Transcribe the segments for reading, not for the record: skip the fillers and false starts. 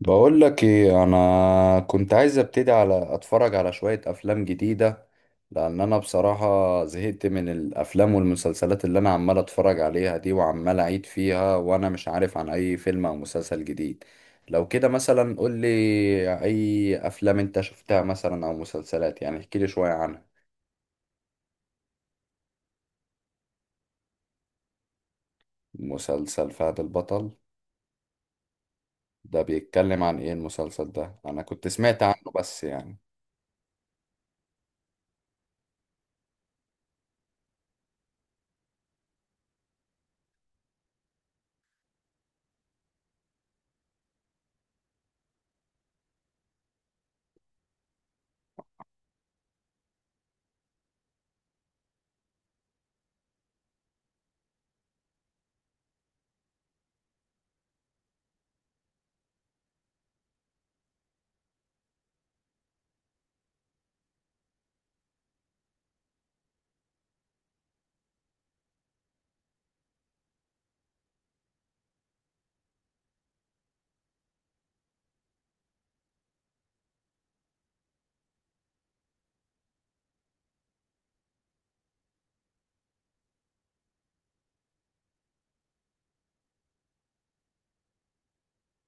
بقول لك ايه، انا كنت عايز ابتدي على اتفرج على شوية افلام جديدة، لان انا بصراحة زهقت من الافلام والمسلسلات اللي انا عمال اتفرج عليها دي وعمال اعيد فيها، وانا مش عارف عن اي فيلم او مسلسل جديد. لو كده مثلا قول لي اي افلام انت شفتها مثلا او مسلسلات، يعني احكي لي شوية عنها. مسلسل فهد البطل؟ ده بيتكلم عن ايه المسلسل ده؟ انا كنت سمعت عنه بس يعني.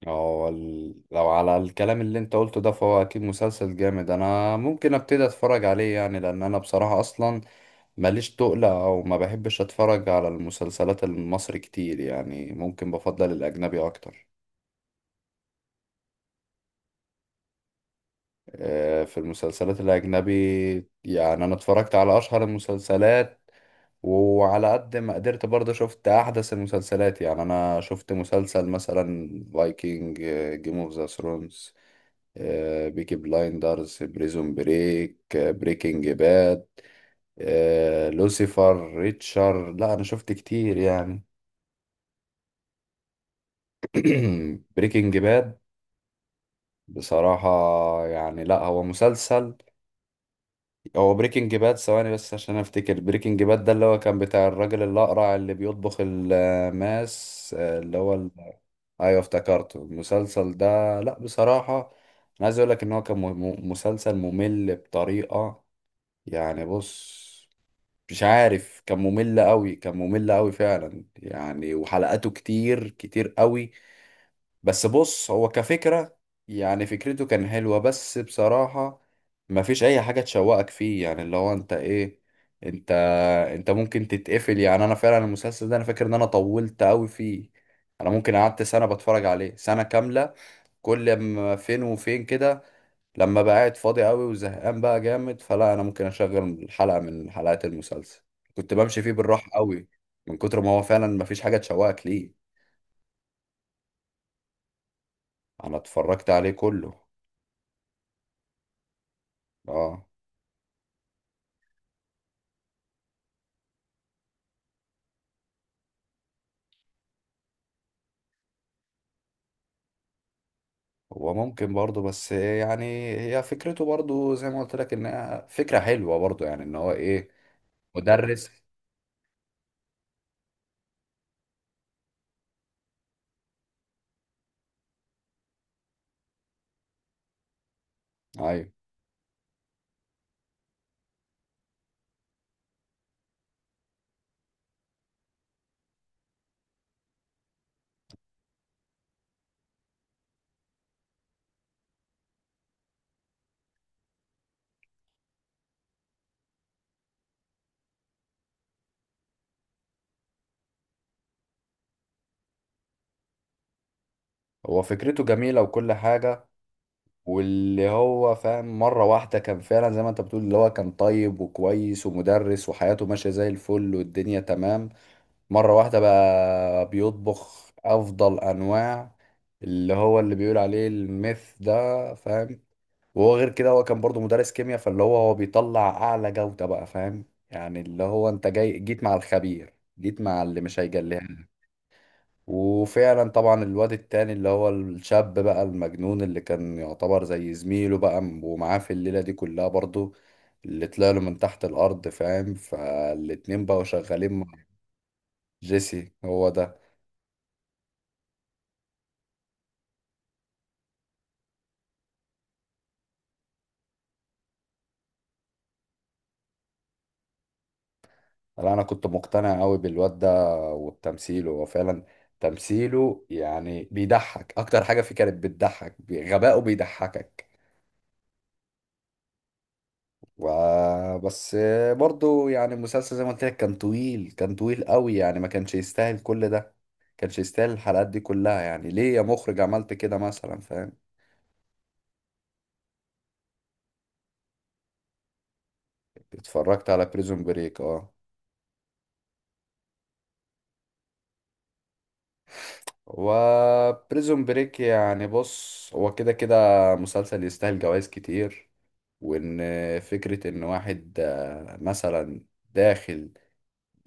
لو على الكلام اللي انت قلته ده، فهو اكيد مسلسل جامد، انا ممكن ابتدي اتفرج عليه يعني، لان انا بصراحة اصلا ماليش تقلة او ما بحبش اتفرج على المسلسلات المصري كتير، يعني ممكن بفضل الاجنبي اكتر. آه، في المسلسلات الاجنبي. يعني انا اتفرجت على اشهر المسلسلات، وعلى قد ما قدرت برضه شفت احدث المسلسلات. يعني انا شفت مسلسل مثلا فايكنج، جيم اوف ذا ثرونز، آه، بيكي بلايندرز، بريزون بريك، آه، بريكنج باد، آه، لوسيفر، ريتشر. لا انا شفت كتير يعني. بريكنج باد، بصراحة يعني، لا هو مسلسل. هو بريكنج باد ثواني بس عشان افتكر. بريكنج باد ده اللي هو كان بتاع الراجل الأقرع اللي بيطبخ الماس، آه، ايوه افتكرته المسلسل ده. لا بصراحة، انا عايز اقول لك ان هو كان مسلسل ممل بطريقة، يعني بص، مش عارف، كان ممل قوي، كان ممل قوي فعلا يعني، وحلقاته كتير كتير قوي. بس بص هو كفكرة، يعني فكرته كان حلوة، بس بصراحة ما فيش اي حاجة تشوقك فيه، يعني اللي هو انت ايه، انت انت ممكن تتقفل. يعني انا فعلا المسلسل ده انا فاكر ان انا طولت قوي فيه. انا ممكن قعدت سنة بتفرج عليه، سنة كاملة. كل ما فين وفين كده، لما بقى قاعد فاضي قوي وزهقان بقى جامد، فلا انا ممكن اشغل حلقة من حلقات المسلسل. كنت بمشي فيه بالراحة قوي، من كتر ما هو فعلا مفيش حاجة تشوقك ليه. انا اتفرجت عليه كله. اه. هو ممكن برضه، بس يعني هي فكرته برضه زي ما قلت لك انها فكرة حلوة برضه، يعني ان هو ايه. مدرس. ايوه، هو فكرته جميلة وكل حاجة. واللي هو فاهم مرة واحدة، كان فعلا زي ما انت بتقول، اللي هو كان طيب وكويس ومدرس وحياته ماشية زي الفل والدنيا تمام. مرة واحدة بقى بيطبخ أفضل أنواع، اللي هو اللي بيقول عليه الميث ده، فاهم؟ وهو غير كده هو كان برضو مدرس كيمياء، فاللي هو هو بيطلع أعلى جودة بقى، فاهم؟ يعني اللي هو أنت جاي جيت مع الخبير، جيت مع اللي مش هيجليها لك. وفعلا طبعا الواد التاني اللي هو الشاب بقى المجنون اللي كان يعتبر زي زميله بقى، ومعاه في الليلة دي كلها برضو، اللي طلع له من تحت الأرض، فاهم؟ فالاتنين بقوا شغالين مع. جيسي هو ده. لا انا كنت مقتنع قوي بالواد ده وبتمثيله، هو فعلا تمثيله يعني بيضحك، اكتر حاجه فيه كانت بتضحك، غباؤه بيضحكك و- بس برضو يعني المسلسل زي ما قلت لك كان طويل، كان طويل قوي يعني، ما كانش يستاهل كل ده، كانش يستاهل الحلقات دي كلها. يعني ليه يا مخرج عملت كده مثلا، فاهم؟ اتفرجت على بريزون بريك، اه. و بريزون بريك يعني بص، هو كده كده مسلسل يستاهل جوائز كتير. وان فكرة ان واحد آه، مثلا داخل،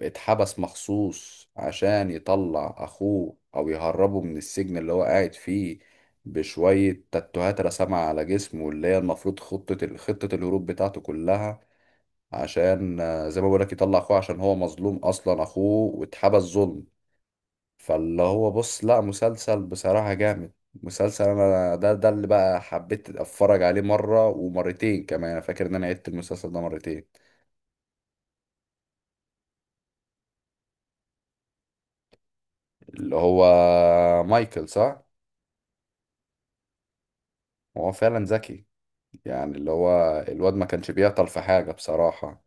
اتحبس مخصوص عشان يطلع اخوه او يهربه من السجن اللي هو قاعد فيه، بشوية تاتوهات رسمها على جسمه اللي هي المفروض خطة الهروب بتاعته كلها، عشان آه، زي ما بقولك يطلع اخوه عشان هو مظلوم اصلا اخوه واتحبس ظلم. فاللي هو بص، لا مسلسل بصراحة جامد، مسلسل انا ده اللي بقى حبيت اتفرج عليه مرة ومرتين كمان، انا فاكر ان انا عدت المسلسل ده مرتين. اللي هو مايكل، صح؟ هو فعلا ذكي، يعني اللي هو الواد ما كانش بيعطل في حاجة بصراحة.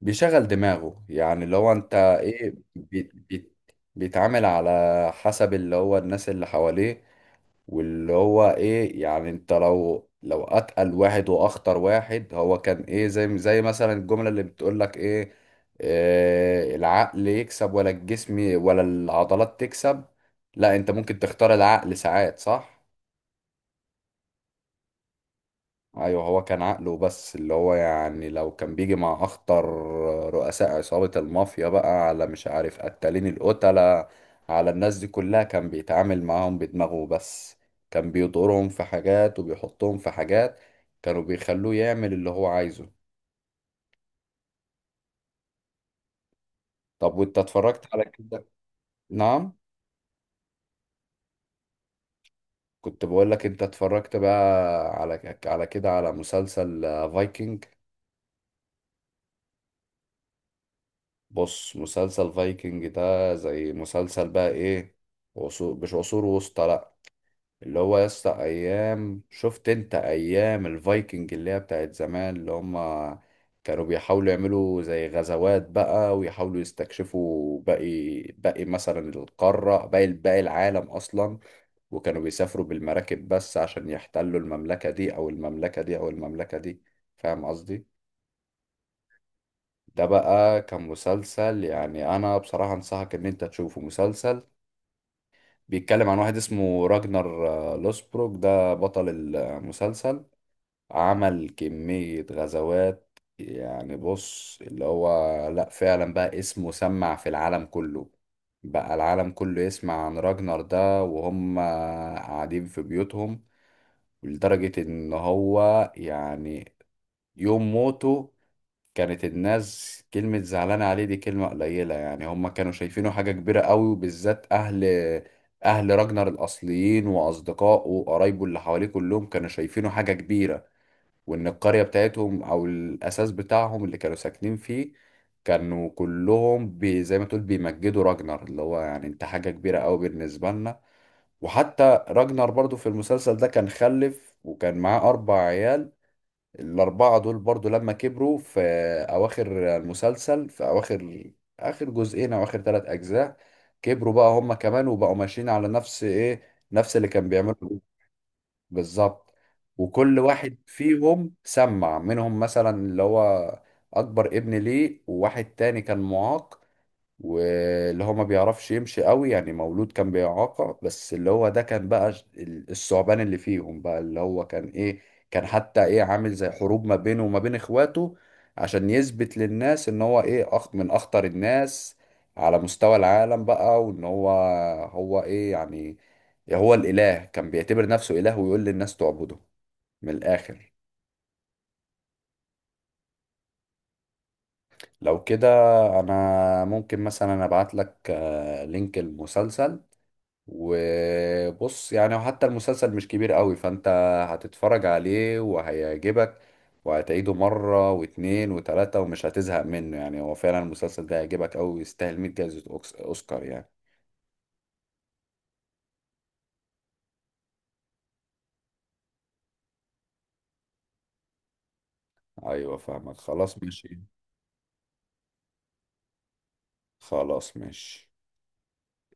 بيشغل دماغه، يعني اللي هو انت ايه، بي بي بيتعامل على حسب اللي هو الناس اللي حواليه، واللي هو ايه يعني، انت لو اتقل واحد واخطر واحد هو كان ايه، زي مثلا الجملة اللي بتقول لك ايه، آه، العقل يكسب ولا الجسم ولا العضلات تكسب؟ لا، انت ممكن تختار العقل ساعات، صح؟ ايوه، هو كان عقله بس. اللي هو يعني لو كان بيجي مع اخطر رؤساء عصابة المافيا بقى، على مش عارف قتالين القتلة، على الناس دي كلها، كان بيتعامل معاهم بدماغه بس. كان بيضرهم في حاجات وبيحطهم في حاجات، كانوا بيخلوه يعمل اللي هو عايزه. طب وانت اتفرجت على كده؟ نعم؟ كنت بقول لك انت اتفرجت بقى، على على كده، على مسلسل فايكنج. بص مسلسل فايكنج ده زي مسلسل بقى ايه، عصور، مش عصور وسطى لا، اللي هو يا اسطى، ايام، شفت انت ايام الفايكنج اللي هي بتاعت زمان، اللي هما كانوا بيحاولوا يعملوا زي غزوات بقى، ويحاولوا يستكشفوا باقي باقي مثلا القارة، باقي باقي العالم اصلا. وكانوا بيسافروا بالمراكب بس عشان يحتلوا المملكة دي او المملكة دي او المملكة دي، فاهم قصدي؟ ده بقى كان مسلسل يعني انا بصراحة انصحك ان انت تشوفه. مسلسل بيتكلم عن واحد اسمه راجنر آه، لوسبروك، ده بطل المسلسل. عمل كمية غزوات يعني، بص اللي هو، لا فعلا بقى اسمه سمع في العالم كله، بقى العالم كله يسمع عن راجنر ده وهم قاعدين في بيوتهم. لدرجة ان هو يعني يوم موته، كانت الناس كلمة زعلانة عليه دي كلمة قليلة، يعني هم كانوا شايفينه حاجة كبيرة قوي، وبالذات أهل، أهل راجنر الأصليين وأصدقائه وقرايبه اللي حواليه كلهم كانوا شايفينه حاجة كبيرة. وإن القرية بتاعتهم أو الأساس بتاعهم اللي كانوا ساكنين فيه، كانوا كلهم بي، زي ما تقول بيمجدوا راجنر، اللي هو يعني أنت حاجة كبيرة قوي بالنسبة لنا. وحتى راجنر برضو في المسلسل ده كان خلف، وكان معاه أربع عيال. الأربعة دول برضو لما كبروا في أواخر المسلسل، في أواخر، آخر جزئين أو آخر ثلاث أجزاء، كبروا بقى هما كمان وبقوا ماشيين على نفس إيه، نفس اللي كان بيعمله. بالظبط. وكل واحد فيهم سمع منهم مثلا اللي هو، أكبر ابن ليه وواحد تاني كان معاق، واللي هو ما بيعرفش يمشي قوي، يعني مولود كان بإعاقة، بس اللي هو ده كان بقى الثعبان اللي فيهم بقى، اللي هو كان ايه، كان حتى ايه، عامل زي حروب ما بينه وما بين اخواته، عشان يثبت للناس ان هو ايه أخ من اخطر الناس على مستوى العالم بقى، وان هو، هو ايه يعني، هو الإله، كان بيعتبر نفسه إله ويقول للناس تعبده، من الآخر. لو كده انا ممكن مثلا ابعت لك آه، لينك المسلسل. وبص يعني وحتى المسلسل مش كبير قوي، فانت هتتفرج عليه وهيعجبك، وهتعيده مرة واتنين وتلاتة ومش هتزهق منه. يعني هو فعلا المسلسل ده هيعجبك قوي ويستاهل 100 جائزة أوسكار يعني. أيوة فاهمك، خلاص ماشي. خلاص ماشي.